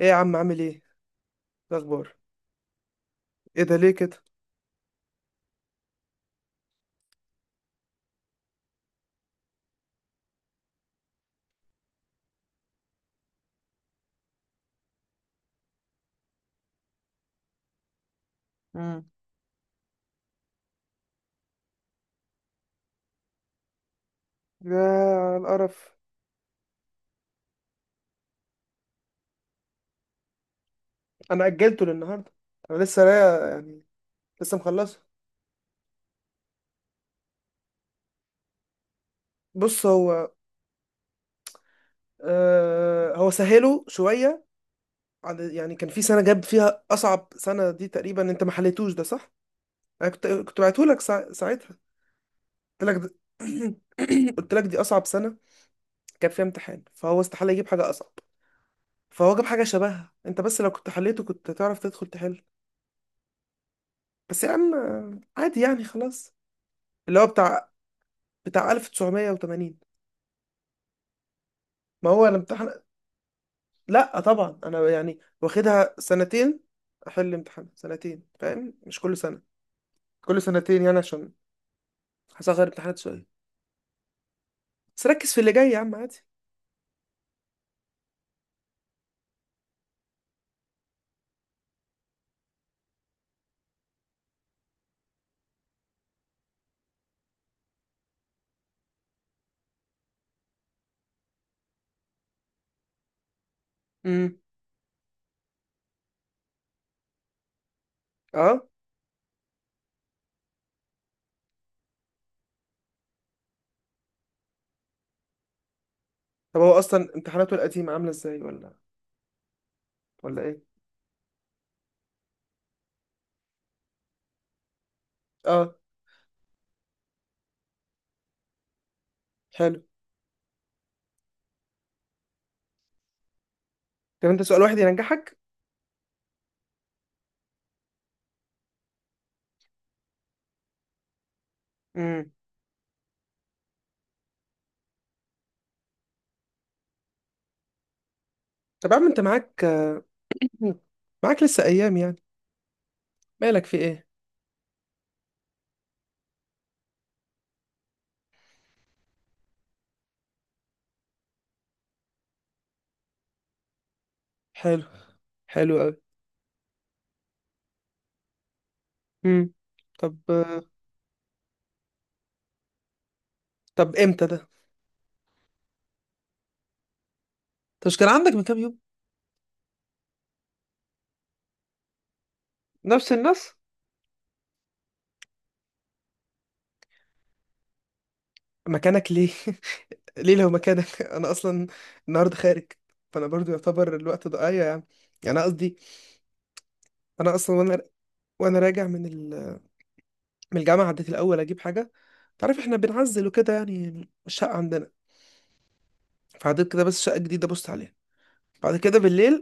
ايه يا عم، عامل ايه؟ إيه الاخبار؟ ايه ده؟ ليه كده؟ مم. يا على القرف انا اجلته للنهارده. انا لسه، لا يعني لسه مخلصه. بص، هو آه هو سهله شويه عن، يعني كان في سنه جاب فيها اصعب سنه دي تقريبا. انت ما حليتوش ده، صح؟ انا كنت بعته لك ساعتها. قلت لك ده- قلت لك دي اصعب سنه كان فيها امتحان، فهو استحاله يجيب حاجه اصعب. فهو جاب حاجه شبهها انت، بس لو كنت حليته كنت تعرف تدخل تحل. بس يا عم، عادي يعني، خلاص. اللي هو بتاع، بتاع 1980. ما هو انا امتحن، لا طبعا انا يعني واخدها سنتين، احل امتحان سنتين، فاهم؟ مش كل سنه، كل سنتين يعني، عشان هصغر امتحانات شويه. بس ركز في اللي جاي يا عم، عادي. امم اه طب هو اصلا امتحاناته القديمه عامله ازاي، ولا ولا ايه؟ اه حلو. طب انت سؤال واحد ينجحك. امم طب يا عم انت معاك، معاك لسه ايام يعني؟ مالك، في ايه؟ حلو، حلو قوي. امم طب، طب امتى ده؟ انت مش كان عندك من كام يوم؟ نفس الناس؟ مكانك، ليه؟ ليه؟ لو مكانك انا اصلا النهارده خارج، فانا برضو يعتبر الوقت ده، ايوه يعني. يعني انا قصدي، انا اصلا وانا، وانا راجع من من الجامعه عديت الاول اجيب حاجه. تعرف احنا بنعزل وكده يعني الشقه عندنا، فعديت كده بس شقه جديده بص عليها. بعد كده بالليل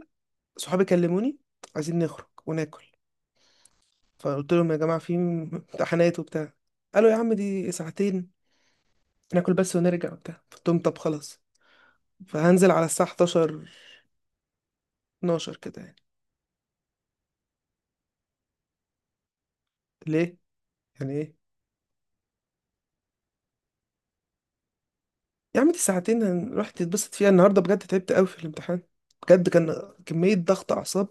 صحابي كلموني، عايزين نخرج وناكل. فقلت لهم يا جماعه في امتحانات وبتاع. قالوا يا عم دي ساعتين، ناكل بس ونرجع وبتاع. قلت لهم طب خلاص. فهنزل على الساعه 11، 12 كده يعني. ليه، يعني ايه؟ يا عم دي ساعتين، هنروح تتبسط فيها. النهارده بجد تعبت قوي في الامتحان، بجد كان كمية ضغط أعصاب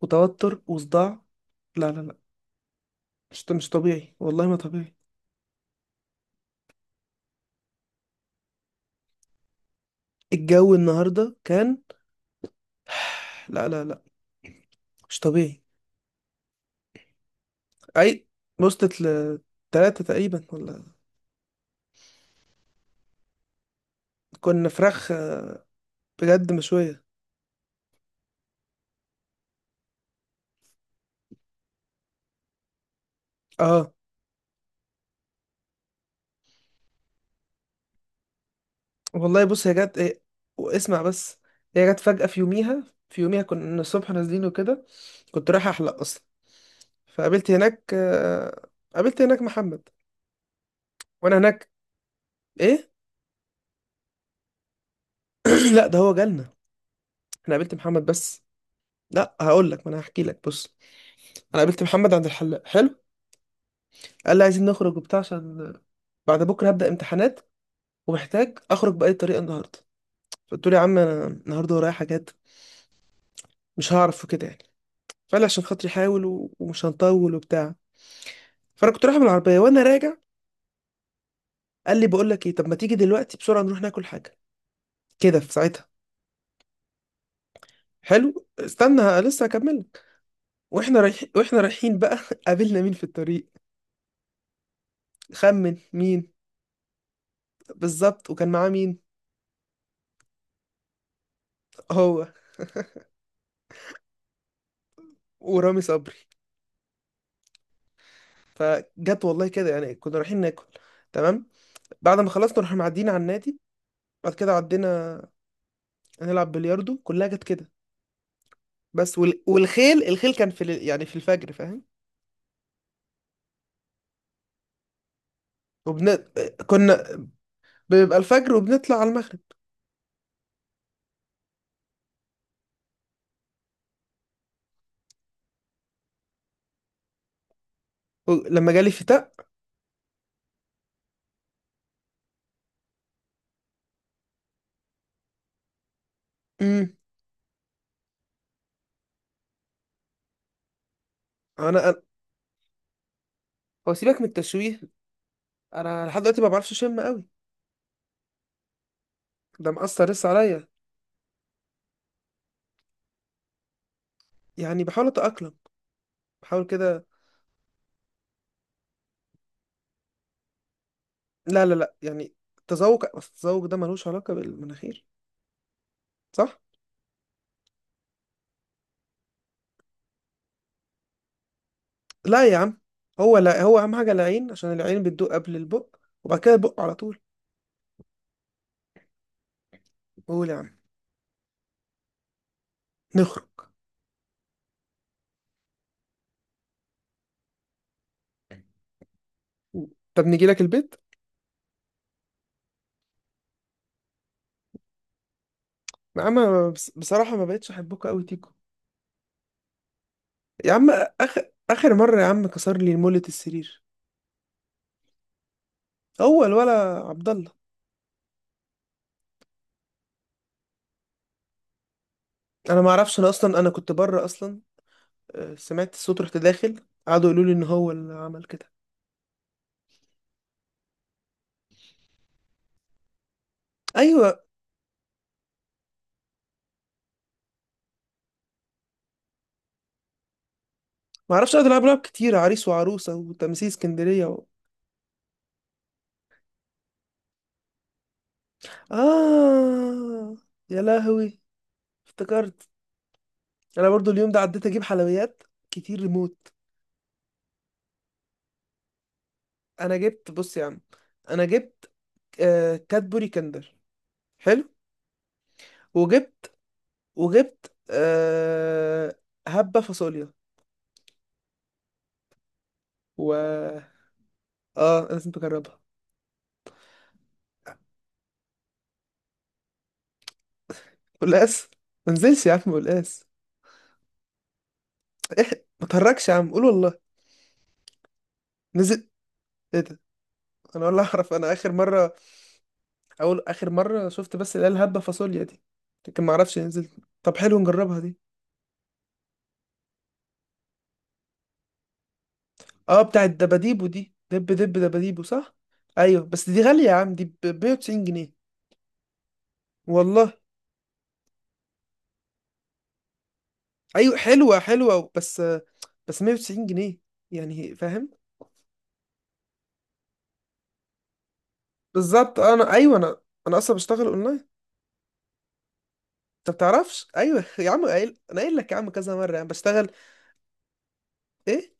وتوتر وصداع. لا لا لا، مش طبيعي، والله ما طبيعي. الجو النهارده كان، لا لا لا، مش طبيعي. أي، وصلت لتلاتة تقريبا ولا. كنا فراخ بجد مشوية. اه والله بص، هي جت ايه؟ واسمع بس. هي جت فجأة في يوميها، في يوميها كنا الصبح نازلين وكده. كنت رايح أحلق أصلا، فقابلت هناك، قابلت هناك محمد. وانا هناك، ايه؟ لا ده هو جالنا، احنا قابلت محمد بس. لا هقول لك، ما انا هحكي لك. بص، انا قابلت محمد عند الحلاق. حلو. قال لي عايزين نخرج وبتاع، عشان بعد بكره هبدا امتحانات، ومحتاج اخرج باي طريقه النهارده. فقلت له يا عم انا النهارده ورايا حاجات، مش هعرف وكده يعني. فقال لي عشان خاطري حاول، ومش هنطول وبتاع. فانا كنت رايح بالعربيه، وانا راجع قال لي بقول لك ايه، طب ما تيجي دلوقتي بسرعه نروح ناكل حاجه كده في ساعتها. حلو، استنى لسه هكمل. واحنا رايحين بقى قابلنا مين في الطريق؟ خمن مين. بالظبط. وكان معاه مين؟ هو، ورامي صبري. فجت والله كده يعني. كنا رايحين ناكل، تمام. بعد ما خلصنا رحنا معديين على النادي. بعد كده عدينا هنلعب بلياردو، كلها جت كده. بس والخيل، الخيل كان في يعني في الفجر، فاهم؟ وبن... كنا بيبقى الفجر وبنطلع على المغرب. لما جالي شتاء. امم انا أنا- هو سيبك من التشويه، انا لحد دلوقتي ما بعرفش اشم قوي، ده مأثر لسه عليا. يعني بحاول اتأقلم، بحاول كده. لا لا لا، يعني التذوق، بس التذوق ده ملوش علاقة بالمناخير، صح؟ لا يا عم، هو لا هو أهم حاجة العين، عشان العين بتدوق قبل البق، وبعد كده البق على طول. قول يا عم. نخرج. طب نيجي لك البيت. يا عم أنا بصراحة ما بقتش أحبكوا أوي تيكو. يا عم، آخر مرة يا عم كسر لي مولة السرير. هو الولا، عبد الله. أنا ما أعرفش، أنا أصلا أنا كنت بره أصلا. سمعت الصوت رحت داخل، قعدوا يقولوا لي إن هو اللي عمل كده. ايوه، ما اعرفش قاعد العب لعب كتير، عريس وعروسه وتمثيل اسكندريه. آه، يا لهوي افتكرت. أنا برضو اليوم ده عديت أجيب حلويات كتير، ريموت. أنا جبت، بص يا عم أنا جبت، آه كادبوري كندر. حلو. وجبت، وجبت آه، هبة فاصوليا. و آه أنا لازم تجربها. قلقاس؟ ما نزلش يا عم قلقاس. إيه، ما تهركش يا عم، قول والله. نزل؟ إيه ده؟ أنا ولا أعرف، أنا آخر مرة، أول آخر مرة شفت بس اللي هي الهبة فاصوليا دي، لكن ما أعرفش نزلت. طب حلو، نجربها دي. اه بتاعت دباديبو دي، دب دب دباديبو، صح؟ ايوه بس دي غاليه يا عم، دي ب 190 جنيه. والله. ايوه حلوه حلوه، بس بس 190 جنيه يعني، فاهم؟ بالظبط، انا ايوه انا، انا اصلا بشتغل اونلاين. انت بتعرفش؟ ايوه يا عم قايل، انا قايل لك يا عم كذا مره يعني بشتغل. ايه؟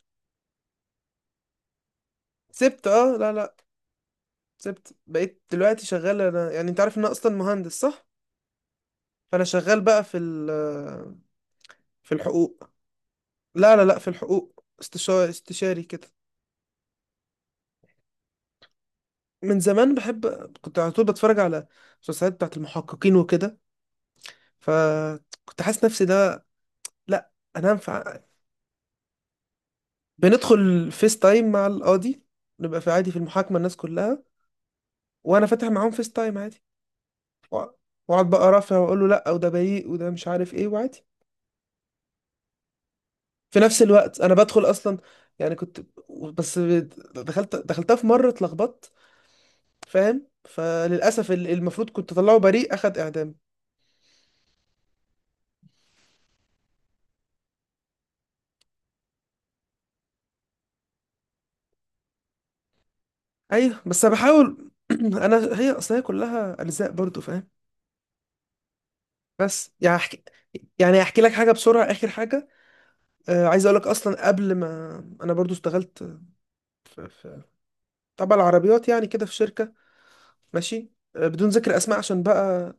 سبت، اه لا لا، سبت بقيت دلوقتي شغال. انا يعني انت عارف ان انا اصلا مهندس، صح؟ فانا شغال بقى في في الحقوق. لا لا لا، في الحقوق استشاري، استشاري كده. من زمان بحب، كنت على طول بتفرج على المسلسلات بتاعت المحققين وكده، فكنت حاسس نفسي ده. لا انا هنفع. بندخل فيس تايم مع القاضي، نبقى في عادي في المحاكمة الناس كلها، وانا فاتح معاهم فيس تايم عادي. وأ- واقعد بقى رافع واقول له لا، وده بريء، وده مش عارف ايه، وعادي. في نفس الوقت انا بدخل اصلا، يعني كنت، بس دخلتها في مرة اتلخبطت، فاهم؟ فللاسف المفروض كنت اطلعه بريء اخد اعدام. ايوه بس انا بحاول انا هي اصل هي كلها اجزاء برضو، فاهم؟ بس يعني احكي، يعني احكي لك حاجه بسرعه، اخر حاجه. آه عايز اقول لك اصلا قبل ما، انا برضو اشتغلت في، في تبع العربيات يعني كده في شركه. ماشي. آه بدون ذكر اسماء عشان بقى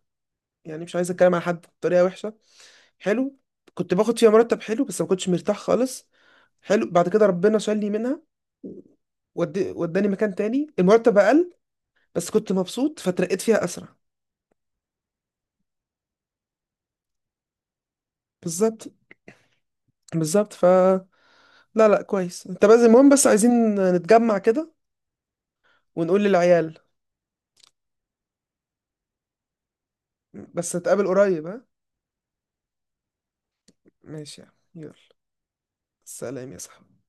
يعني مش عايز اتكلم على حد بطريقه وحشه. حلو. كنت باخد فيها مرتب حلو، بس ما كنتش مرتاح خالص. حلو. بعد كده ربنا شالني منها، ودي وداني مكان تاني المرتب اقل، بس كنت مبسوط فترقيت فيها اسرع. بالظبط، بالظبط ف، لا لا كويس انت. بس المهم بس عايزين نتجمع كده، ونقول للعيال. بس نتقابل قريب، ها. ماشي يا عم. يلا. سلام يا صاحبي.